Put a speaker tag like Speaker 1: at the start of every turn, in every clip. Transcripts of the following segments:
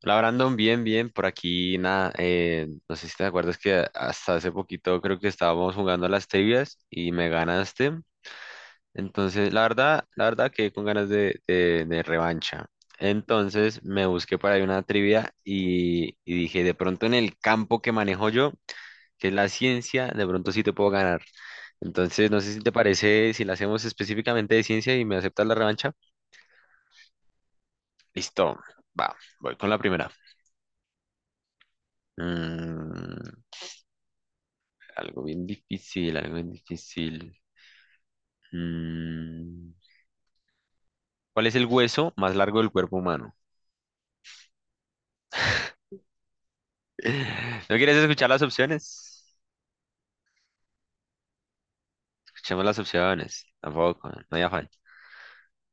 Speaker 1: La Brandon, bien, bien, por aquí nada, no sé si te acuerdas que hasta hace poquito creo que estábamos jugando a las trivias y me ganaste, entonces la verdad que con ganas de revancha, entonces me busqué por ahí una trivia y dije, de pronto en el campo que manejo yo, que es la ciencia, de pronto sí te puedo ganar, entonces no sé si te parece, si la hacemos específicamente de ciencia y me aceptas la revancha, listo, voy con la primera. Mm, Algo bien difícil, algo bien difícil. Mm, ¿Cuál es el hueso más largo del cuerpo humano? ¿No quieres escuchar las opciones? Escuchemos las opciones. Tampoco, no hay afán.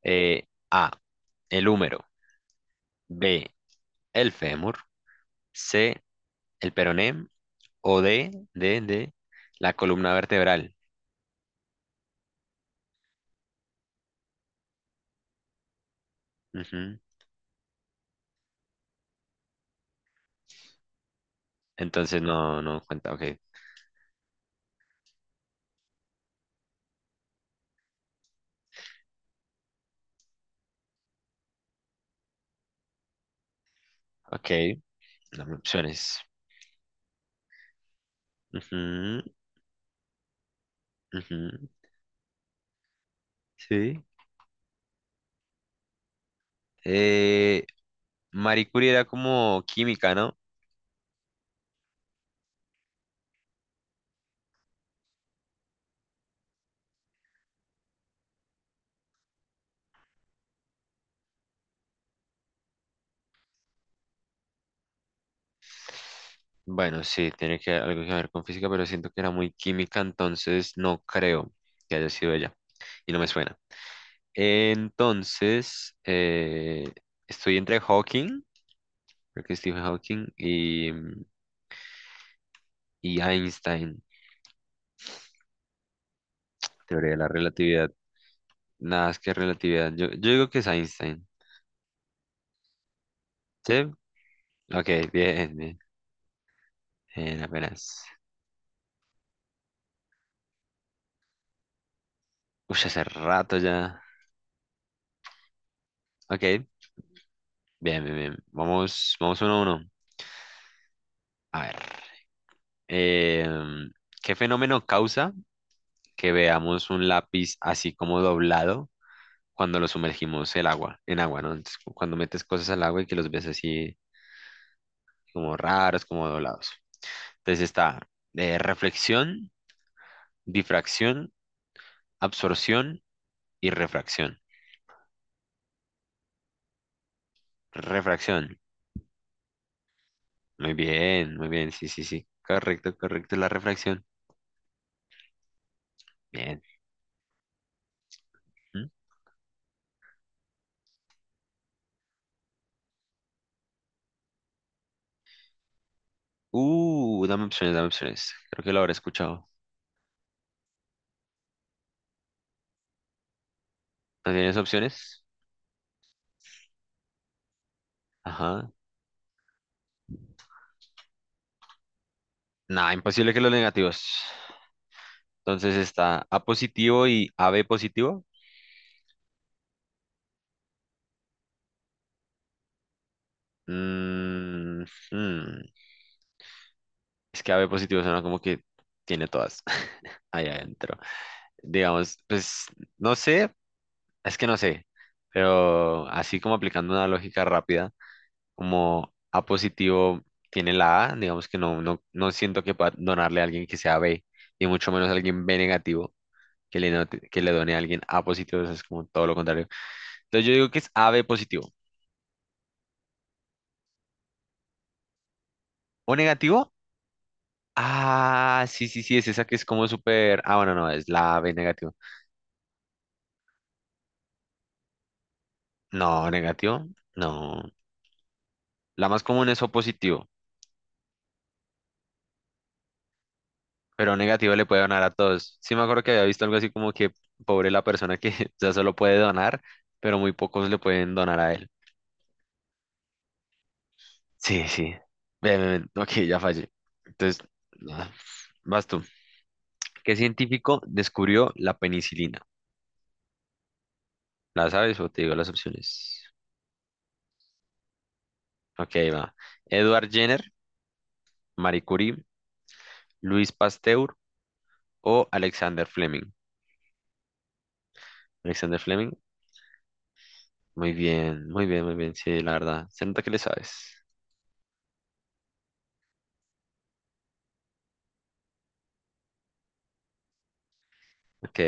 Speaker 1: A, el húmero. B, el fémur. C, el peroné. O D, D, D, la columna vertebral. Ujú. Entonces no, no cuenta. Ok, ok. Dame opciones. Ujú, ujú. Sí. Eh, Marie Curie era como química, ¿no? Bueno, sí, tiene que algo que ver con física, pero siento que era muy química, entonces no creo que haya sido ella. Y no me suena. Entonces, estoy entre Hawking, creo que Stephen Hawking, y Einstein, teoría de la relatividad. Nada, es que relatividad. Yo digo que es Einstein. ¿Sí? Ok, bien, bien. Bien, apenas. Uy, hace rato ya. Ok, bien, bien, bien. Vamos, vamos uno a uno. A ver. Em, ¿Qué fenómeno causa que veamos un lápiz así como doblado cuando lo sumergimos el agua, en agua, ¿no? Entonces, cuando metes cosas al agua y que los ves así como raros, como doblados. Entonces está reflexión, difracción, absorción y refracción. Refracción. Muy bien, sí, sí, sí. Correcto, correcto, la refracción. Bien. ¿Mm? Dame opciones, dame opciones. Creo que lo habré escuchado. ¿No tienes opciones? Ajá. Nada, imposible que los negativos. Entonces está A positivo y AB positivo. Mm, hmm, Es que AB positivo suena como que tiene todas ahí adentro. Digamos, pues no sé, es que no sé, pero así como aplicando una lógica rápida, como A positivo tiene la A, digamos que no, no, no siento que pueda donarle a alguien que sea B, y mucho menos a alguien B negativo, que que le done a alguien A positivo, eso es como todo lo contrario. Entonces yo digo que es AB positivo. ¿O negativo? Ah, sí, sí, sí, es esa que es como súper. Ah, bueno, no, es la B negativo. No, negativo, no. La más común es O positivo, pero negativo le puede donar a todos. Sí, me acuerdo que había visto algo así como que pobre la persona que ya solo puede donar, pero muy pocos le pueden donar a él. Sí, sí. Ven, ven, ven. Ok, ya fallé. Entonces, ah, vas tú. ¿Qué científico descubrió la penicilina? ¿La sabes o te digo las opciones? Ok, va. Edward Jenner, Marie Curie, Luis Pasteur o Alexander Fleming. Alexander Fleming, muy bien, muy bien, muy bien, sí, la verdad. Se nota que le sabes. Ok,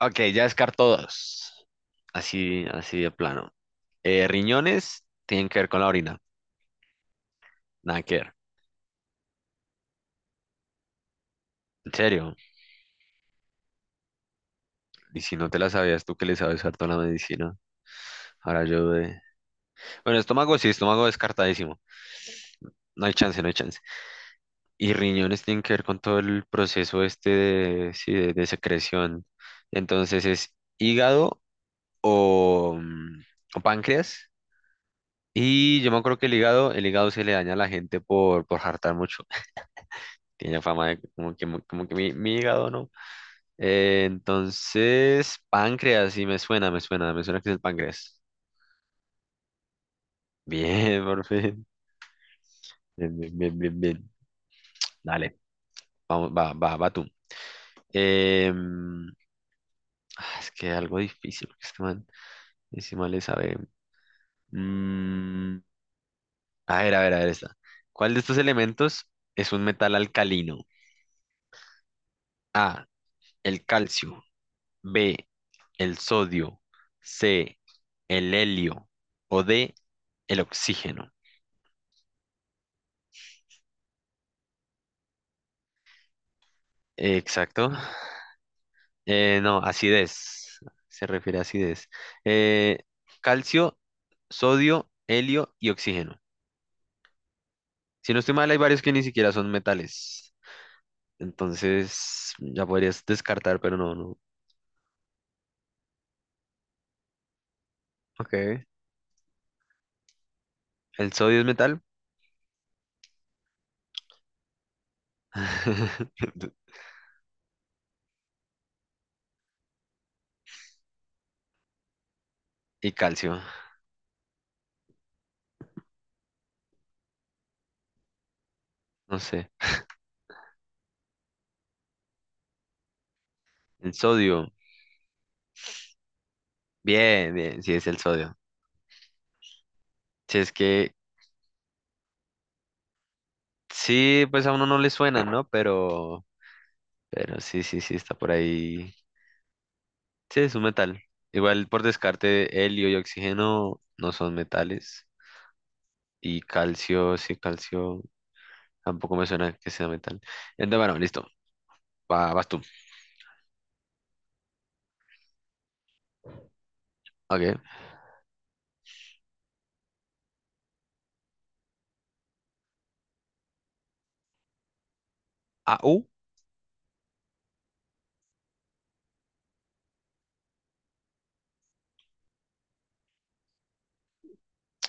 Speaker 1: ok, ya descarto dos. Así, así de plano. Riñones tienen que ver con la orina, nada que ver. En serio, y si no te la sabías tú que le sabes harto a la medicina, ahora yo de... Bueno, estómago sí, estómago descartadísimo. No hay chance, no hay chance. Y riñones tienen que ver con todo el proceso este de, sí, de secreción. Entonces es hígado o, o páncreas. Y yo me acuerdo que el hígado se le daña a la gente por hartar mucho. Tiene fama de como que, como que mi hígado, ¿no? Entonces, páncreas, sí, me suena, me suena, me suena que es el páncreas. Bien, por fin. Bien, bien, bien, bien, bien. Dale, vamos, va tú. Em, ah, es que algo difícil, porque este man, ese man le sabe. Mm, a ver, a ver, a ver esta. ¿Cuál de estos elementos es un metal alcalino? A, el calcio, B, el sodio, C, el helio o D, el oxígeno. Exacto. No, acidez. Se refiere a acidez. Eh, calcio, sodio, helio y oxígeno. Si no estoy mal, hay varios que ni siquiera son metales. Entonces, ya podrías descartar, pero no, no. Ok. ¿El sodio es metal? Y calcio. No sé. El sodio. Bien, bien, sí es el sodio. Si es que sí, pues a uno no le suena, ¿no? Pero sí, sí, sí, está por ahí. Sí, es un metal. Igual por descarte, helio y oxígeno no son metales. Y calcio, sí, calcio tampoco me suena que sea metal. Entonces, bueno, listo. Va, vas tú. Ok. Ah,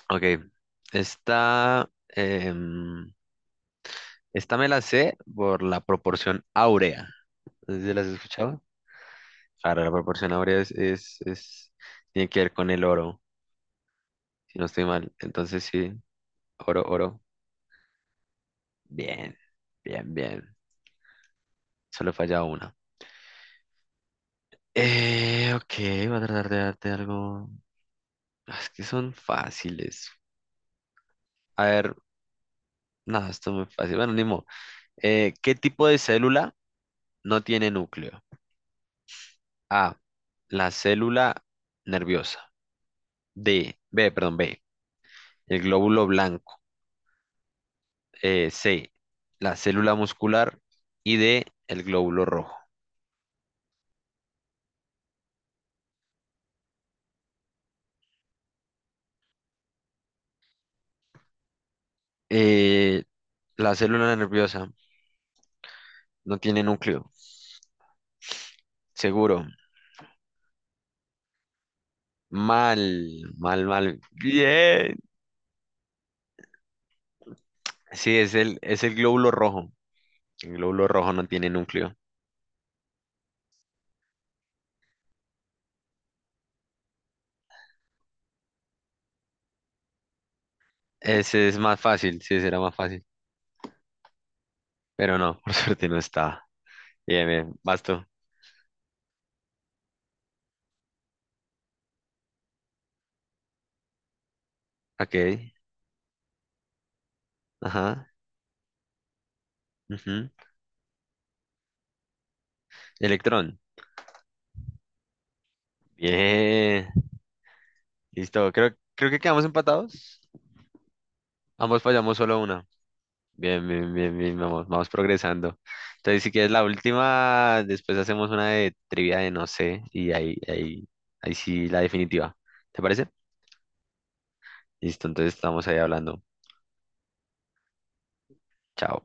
Speaker 1: ok. Esta, em, esta me la sé por la proporción áurea. ¿No sé si las has escuchado? Claro, la proporción áurea es- tiene que ver con el oro. Si no estoy mal. Entonces sí, oro, oro. Bien, bien, bien. Solo falla una. Ok, voy a tratar de darte algo. Ah, es que son fáciles. A ver, no, esto es muy fácil. Bueno, ni modo. ¿Qué tipo de célula no tiene núcleo? A, la célula nerviosa. B, el glóbulo blanco. C, la célula muscular. Y D, el glóbulo rojo. Eh, la célula nerviosa no tiene núcleo. Seguro. Mal, mal, mal. Bien. Sí, es el glóbulo rojo. El glóbulo rojo no tiene núcleo. Ese es más fácil, sí, será más fácil. Pero no, por suerte no está. Bien, bien. Basto. Ok. Ajá. Ujú. Electrón. Bien. Listo. Creo que quedamos empatados. Ambos fallamos solo una. Bien, bien, bien, bien, vamos, vamos progresando. Entonces, si quieres la última, después hacemos una de trivia de no sé, ahí sí la definitiva. ¿Te parece? Listo, entonces estamos ahí hablando. Chao.